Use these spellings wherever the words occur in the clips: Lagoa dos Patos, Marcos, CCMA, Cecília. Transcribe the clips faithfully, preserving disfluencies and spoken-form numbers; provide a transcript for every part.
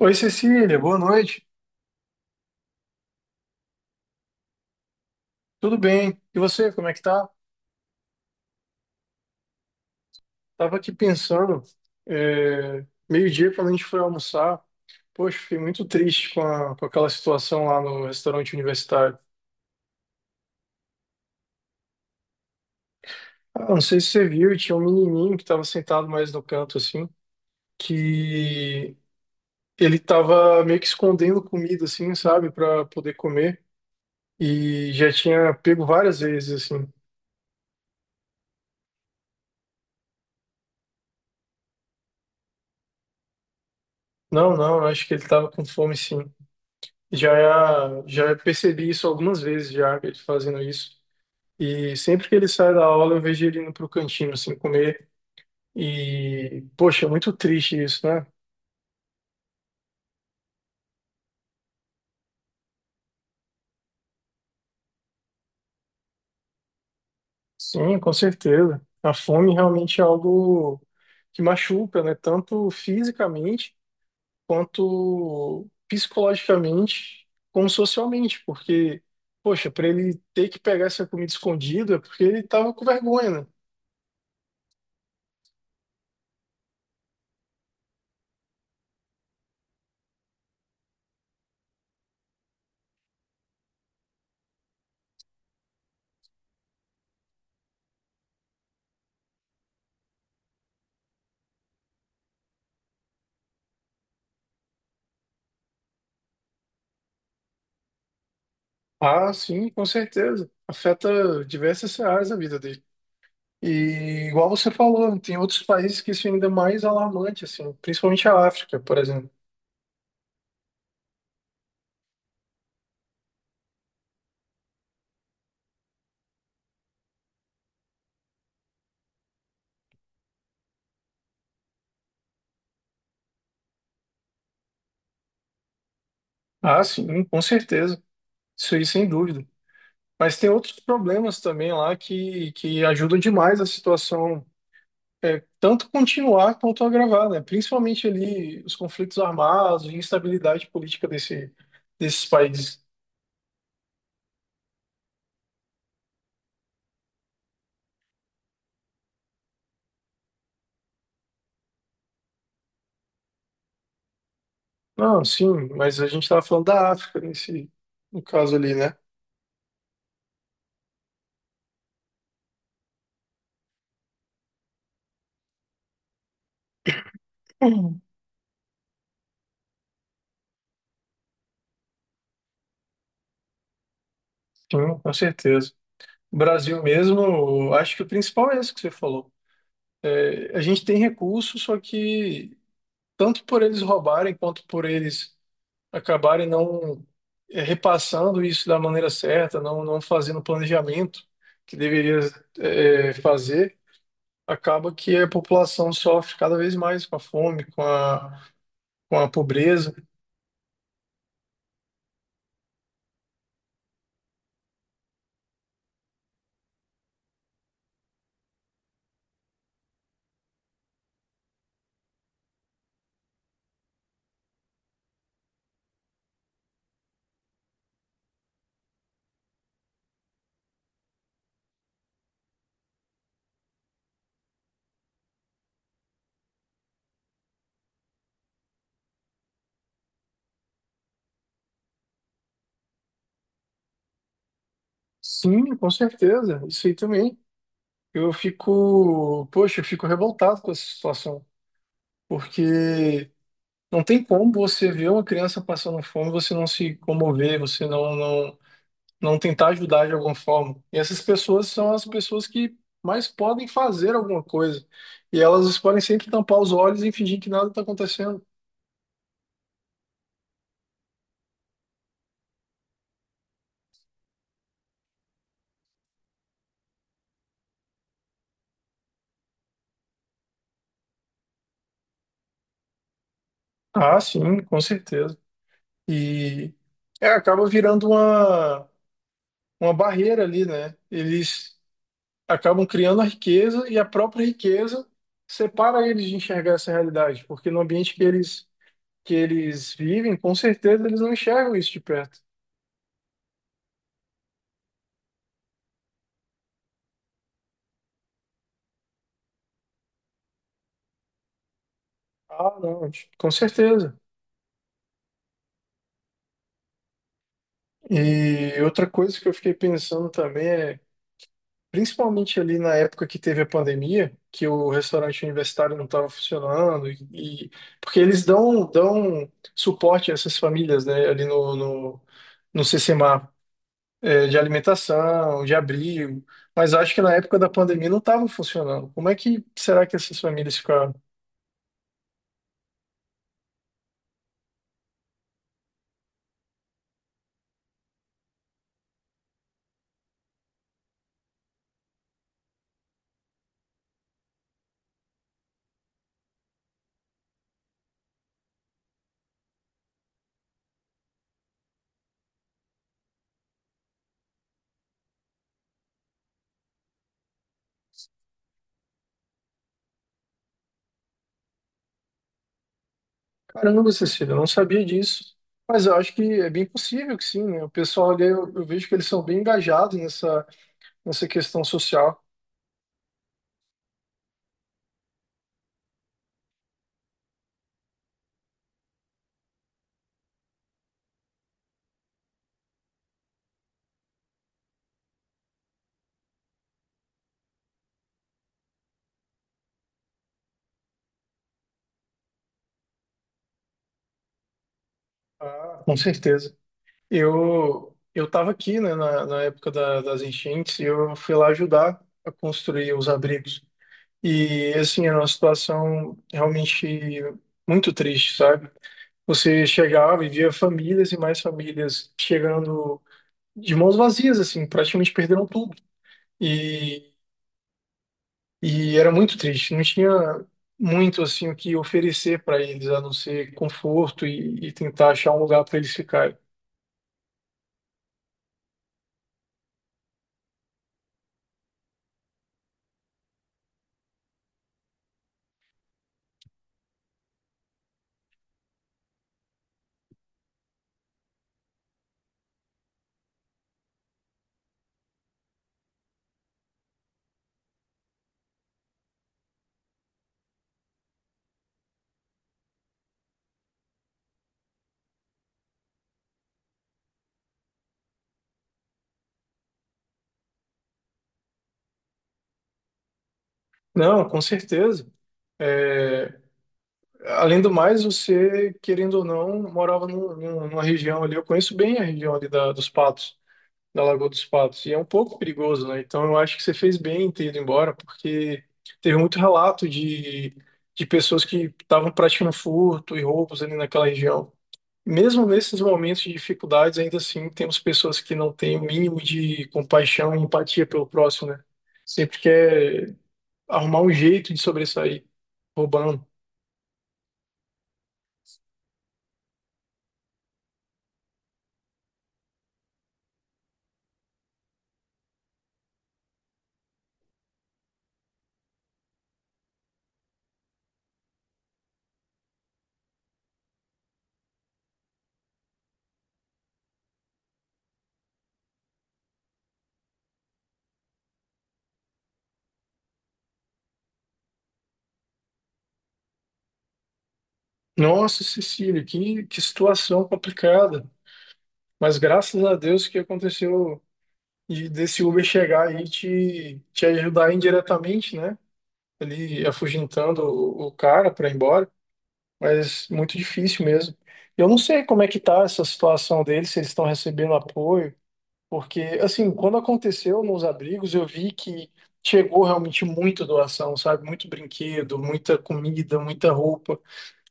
Oi, Cecília, boa noite. Tudo bem? E você, como é que tá? Tava aqui pensando, é, meio-dia quando a gente foi almoçar, poxa, fiquei muito triste com, a- com aquela situação lá no restaurante universitário. Ah, não sei se você viu, tinha um menininho que estava sentado mais no canto, assim, que ele tava meio que escondendo comida, assim, sabe, para poder comer, e já tinha pego várias vezes, assim. Não, não, eu acho que ele tava com fome, sim. Já, já percebi isso algumas vezes já, ele fazendo isso. E sempre que ele sai da aula, eu vejo ele indo pro cantinho, assim, comer. E, poxa, é muito triste isso, né? Sim, com certeza. A fome realmente é algo que machuca, né? Tanto fisicamente, quanto psicologicamente, como socialmente. Porque, poxa, para ele ter que pegar essa comida escondida, é porque ele tava com vergonha, né? Ah, sim, com certeza. Afeta diversas áreas da vida dele. E igual você falou, tem outros países que isso é ainda mais alarmante, assim, principalmente a África, por exemplo. Ah, sim, com certeza. Isso aí, sem dúvida. Mas tem outros problemas também lá que, que ajudam demais a situação é, tanto continuar quanto agravar, né? Principalmente ali os conflitos armados e instabilidade política desse, desses países. Não, sim, mas a gente estava falando da África nesse, no caso ali, né? Uhum. Sim, com certeza. O Brasil mesmo, eu acho que o principal é isso que você falou. A gente tem recursos, só que tanto por eles roubarem quanto por eles acabarem não eh, repassando isso da maneira certa, não, não fazendo o planejamento que deveria eh, fazer acaba que a população sofre cada vez mais com a fome, com a, com a pobreza. Sim, com certeza, isso aí também. Eu fico, poxa, eu fico revoltado com essa situação, porque não tem como você ver uma criança passando fome, você não se comover, você não, não, não tentar ajudar de alguma forma. E essas pessoas são as pessoas que mais podem fazer alguma coisa. E elas podem sempre tampar os olhos e fingir que nada está acontecendo. Ah, sim, com certeza. E é, acaba virando uma, uma barreira ali, né? Eles acabam criando a riqueza e a própria riqueza separa eles de enxergar essa realidade, porque no ambiente que eles, que eles vivem, com certeza eles não enxergam isso de perto. Ah, não, com certeza. E outra coisa que eu fiquei pensando também é principalmente ali na época que teve a pandemia, que o restaurante universitário não estava funcionando, e, e- porque eles dão, dão suporte a essas famílias, né, ali no, no, no C C M A, é, de alimentação, de abrigo, mas acho que na época da pandemia não estava funcionando. Como é que será que essas famílias ficaram? Caramba, Cecília, eu não sabia disso. Mas eu acho que é bem possível que sim, né? O pessoal ali, eu, eu vejo que eles são bem engajados nessa, nessa questão social. Ah, com certeza. Eu eu estava aqui, né, na, na época da- das enchentes e eu fui lá ajudar a construir os abrigos. E assim, era uma situação realmente muito triste, sabe? Você chegava e via famílias e mais famílias chegando de mãos vazias, assim, praticamente perderam tudo. E, e era muito triste, não tinha muito assim o que oferecer para eles, a não ser conforto e, e tentar achar um lugar para eles ficarem. Não, com certeza. eh, Além do mais, você, querendo ou não, morava num- num- numa região ali. Eu conheço bem a região ali da, dos Patos, da Lagoa dos Patos, e é um pouco perigoso, né? Então eu acho que você fez bem em ter ido embora, porque teve muito relato de, de pessoas que estavam praticando furto e roubos ali naquela região. Mesmo nesses momentos de dificuldades, ainda assim, temos pessoas que não têm o mínimo de compaixão e empatia pelo próximo, né? Sempre quer arrumar um jeito de sobressair, roubando. Nossa, Cecília, que, que situação complicada. Mas graças a Deus que aconteceu e desse Uber chegar aí e te, te ajudar indiretamente, né? Ele afugentando o, o cara para ir embora, mas muito difícil mesmo. Eu não sei como é que tá essa situação deles, se eles estão recebendo apoio, porque, assim, quando aconteceu nos abrigos, eu vi que chegou realmente muita doação, sabe? Muito brinquedo, muita comida, muita roupa.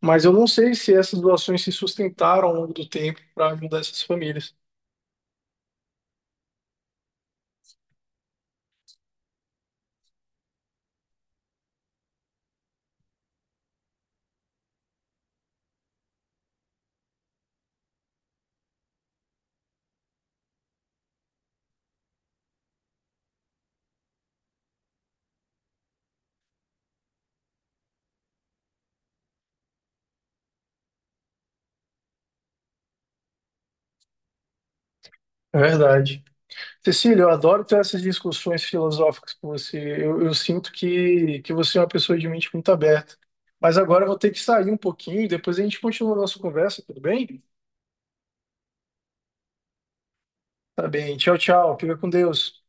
Mas eu não sei se essas doações se sustentaram ao longo do tempo para ajudar essas famílias. É verdade. Cecília, eu adoro ter essas discussões filosóficas com você. Eu, eu sinto que, que você é uma pessoa de mente muito aberta. Mas agora eu vou ter que sair um pouquinho, depois a gente continua a nossa conversa, tudo bem? Tá bem. Tchau, tchau. Fica com Deus.